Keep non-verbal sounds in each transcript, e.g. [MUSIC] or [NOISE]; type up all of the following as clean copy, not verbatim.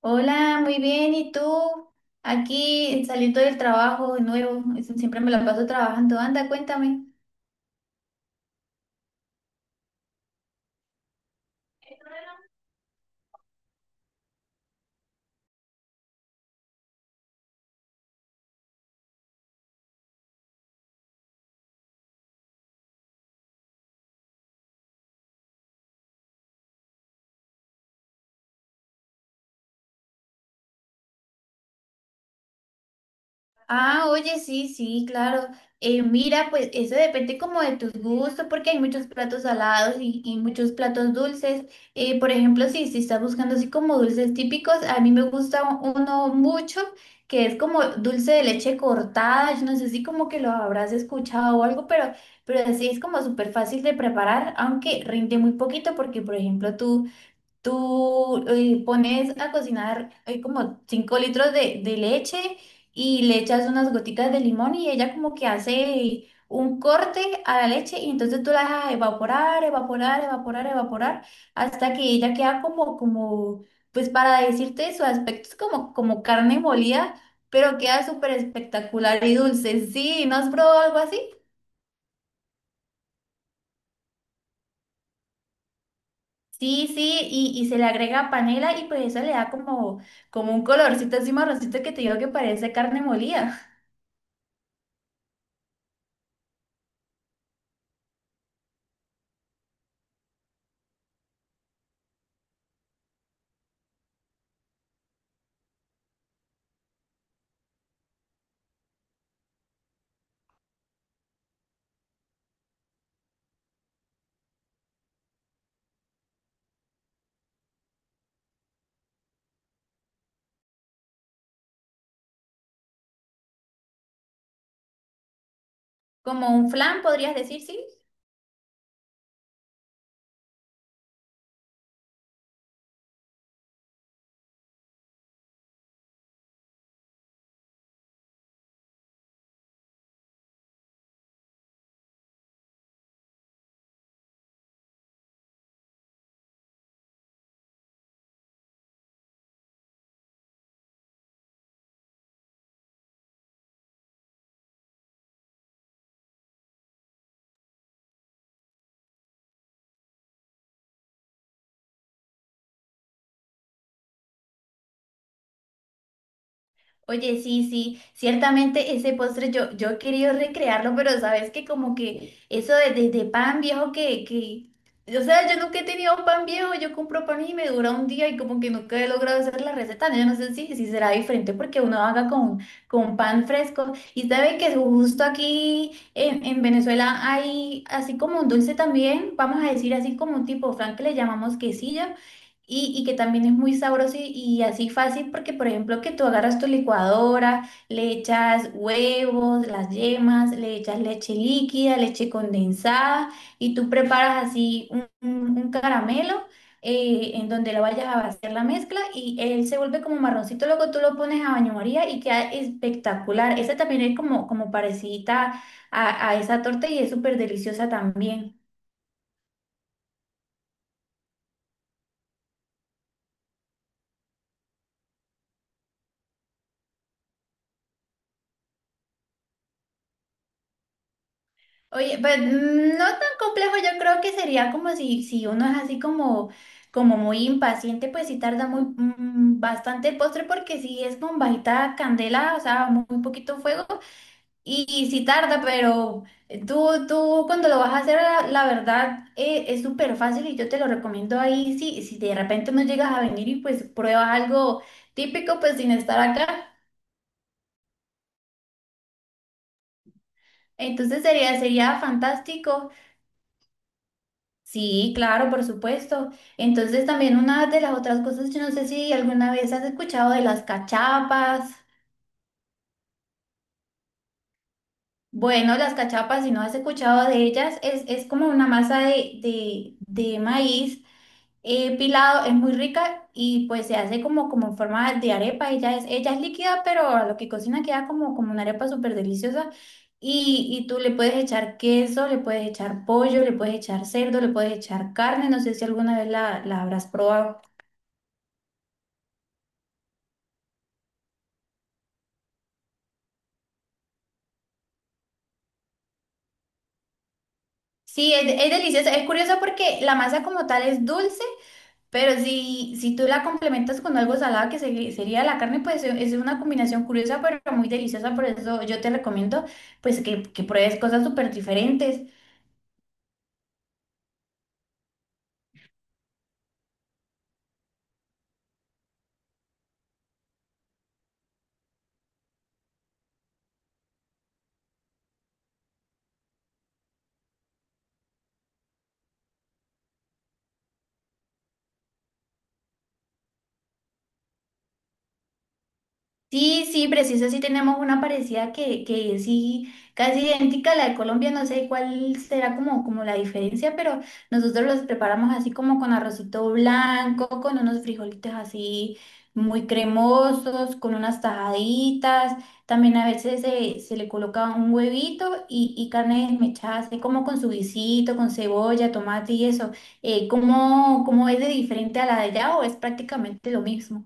Hola, muy bien. ¿Y tú? Aquí saliendo del trabajo de nuevo. Eso siempre me la paso trabajando. Anda, cuéntame. Ah, oye, sí, sí, claro. Mira, pues eso depende como de tus gustos, porque hay muchos platos salados y muchos platos dulces. Por ejemplo, si estás buscando así como dulces típicos, a mí me gusta uno mucho que es como dulce de leche cortada. Yo no sé si como que lo habrás escuchado o algo, pero así es como súper fácil de preparar, aunque rinde muy poquito, porque por ejemplo tú pones a cocinar como 5 litros de leche y le echas unas gotitas de limón y ella como que hace un corte a la leche y entonces tú la dejas evaporar, evaporar, evaporar, evaporar hasta que ella queda como pues para decirte su aspecto es como, como carne molida, pero queda súper espectacular y dulce. Sí, ¿no has probado algo así? Sí, sí, y se le agrega panela y pues eso le da como, como un colorcito así marroncito que te digo que parece carne molida. [LAUGHS] Como un flan, podrías decir, sí. Oye, sí, sí, ciertamente ese postre yo he querido recrearlo, pero sabes que como que eso de pan viejo que, o sea, yo nunca he tenido un pan viejo, yo compro pan y me dura un día y como que nunca he logrado hacer la receta, yo no sé si será diferente porque uno haga con pan fresco y sabe que justo aquí en Venezuela hay así como un dulce también, vamos a decir así como un tipo flan que le llamamos quesillo y que también es muy sabroso y así fácil porque, por ejemplo, que tú agarras tu licuadora, le echas huevos, las yemas, le echas leche líquida, leche condensada y tú preparas así un, un caramelo en donde lo vayas a vaciar la mezcla y él se vuelve como marroncito, luego tú lo pones a baño María y queda espectacular. Esa también es como, como parecida a esa torta y es súper deliciosa también. Oye, pues no tan complejo, yo creo que sería como si uno es así como, como muy impaciente, pues sí tarda muy bastante el postre porque sí es con bajita candela, o sea, muy, muy poquito fuego y sí tarda, pero tú cuando lo vas a hacer, la verdad es súper fácil y yo te lo recomiendo ahí, si de repente no llegas a venir y pues pruebas algo típico, pues sin estar acá, entonces sería, sería fantástico. Sí, claro, por supuesto. Entonces también una de las otras cosas, yo no sé si alguna vez has escuchado de las cachapas. Bueno, las cachapas, si no has escuchado de ellas, es como una masa de maíz pilado, es muy rica y pues se hace como, como en forma de arepa. Ella es líquida, pero a lo que cocina queda como, como una arepa súper deliciosa. Y tú le puedes echar queso, le puedes echar pollo, le puedes echar cerdo, le puedes echar carne. No sé si alguna vez la habrás probado. Sí, es delicioso. Es curioso porque la masa como tal es dulce, pero si tú la complementas con algo salado, que sería la carne, pues es una combinación curiosa, pero muy deliciosa. Por eso yo te recomiendo pues que pruebes cosas súper diferentes. Sí, sí, preciso, sí tenemos una parecida que es sí, casi idéntica a la de Colombia, no sé cuál será como, como la diferencia, pero nosotros los preparamos así como con arrocito blanco, con unos frijolitos así muy cremosos, con unas tajaditas, también a veces se le coloca un huevito y carne desmechada, así como con su guisito, con cebolla, tomate y eso. ¿Cómo, cómo es de diferente a la de allá o es prácticamente lo mismo?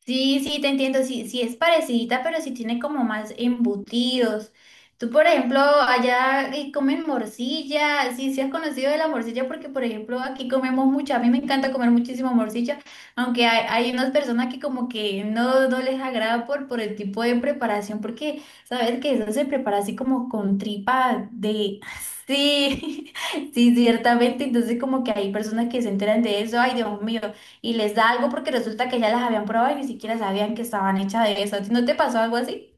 Sí, sí, te entiendo, sí, sí es parecidita, pero sí tiene como más embutidos. Tú, por ejemplo, allá comen morcilla, sí, sí has conocido de la morcilla porque, por ejemplo, aquí comemos mucha, a mí me encanta comer muchísimo morcilla, aunque hay unas personas que como que no les agrada por el tipo de preparación, porque sabes que eso se prepara así como con tripa de... [LAUGHS] Sí, [LAUGHS] sí, ciertamente, entonces como que hay personas que se enteran de eso, ay, Dios mío y les da algo porque resulta que ya las habían probado y ni siquiera sabían que estaban hechas de eso. ¿A ti ¿no te pasó algo así?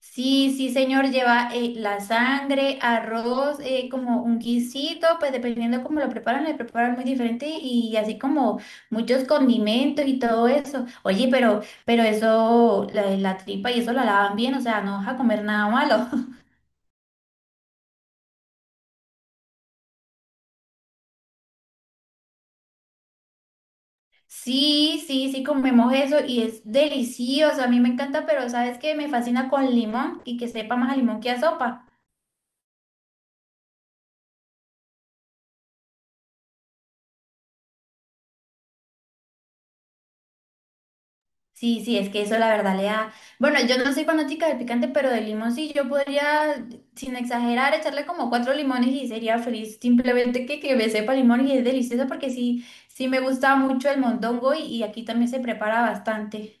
Sí, sí, señor, lleva la sangre, arroz, como un guisito, pues dependiendo cómo lo preparan, le preparan muy diferente y así como muchos condimentos y todo eso. Oye, pero eso, la tripa y eso la lavan bien, o sea, no vas a comer nada malo. [LAUGHS] Sí, sí, sí, comemos eso y es delicioso, a mí me encanta, pero ¿sabes qué? Me fascina con limón y que sepa más a limón que a sopa. Sí, sí, es que eso la verdad le da. Bueno, yo no soy fanática del picante, pero de limón sí, yo podría, sin exagerar, echarle como cuatro limones y sería feliz. Simplemente que me sepa limón y es delicioso porque sí, sí me gusta mucho el mondongo y aquí también se prepara bastante.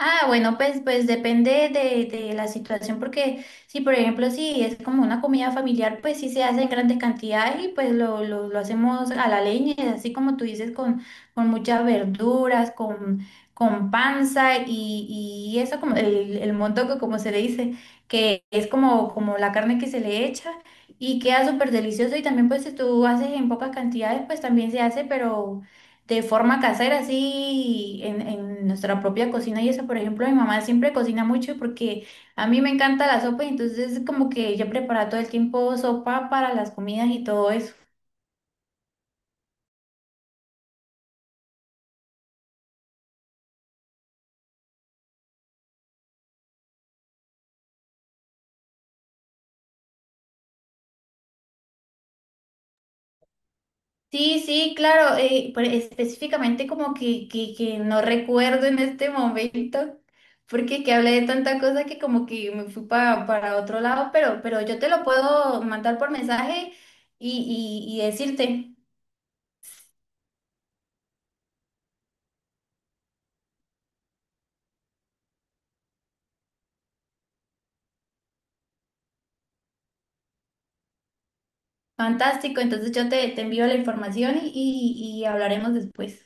Ah, bueno, pues, pues depende de la situación, porque si por ejemplo si es como una comida familiar, pues sí se hace en grandes cantidades y pues lo hacemos a la leña, así como tú dices, con muchas verduras, con panza y eso como el montoco, como se le dice, que es como, como la carne que se le echa y queda súper delicioso y también pues si tú haces en pocas cantidades, pues también se hace, pero de forma casera, así en nuestra propia cocina. Y eso, por ejemplo, mi mamá siempre cocina mucho porque a mí me encanta la sopa y entonces como que ella prepara todo el tiempo sopa para las comidas y todo eso. Sí, sí, claro, pero específicamente como que, que no recuerdo en este momento. Porque que hablé de tanta cosa que como que me fui para otro lado, pero yo te lo puedo mandar por mensaje y decirte. Fantástico, entonces yo te envío la información y hablaremos después.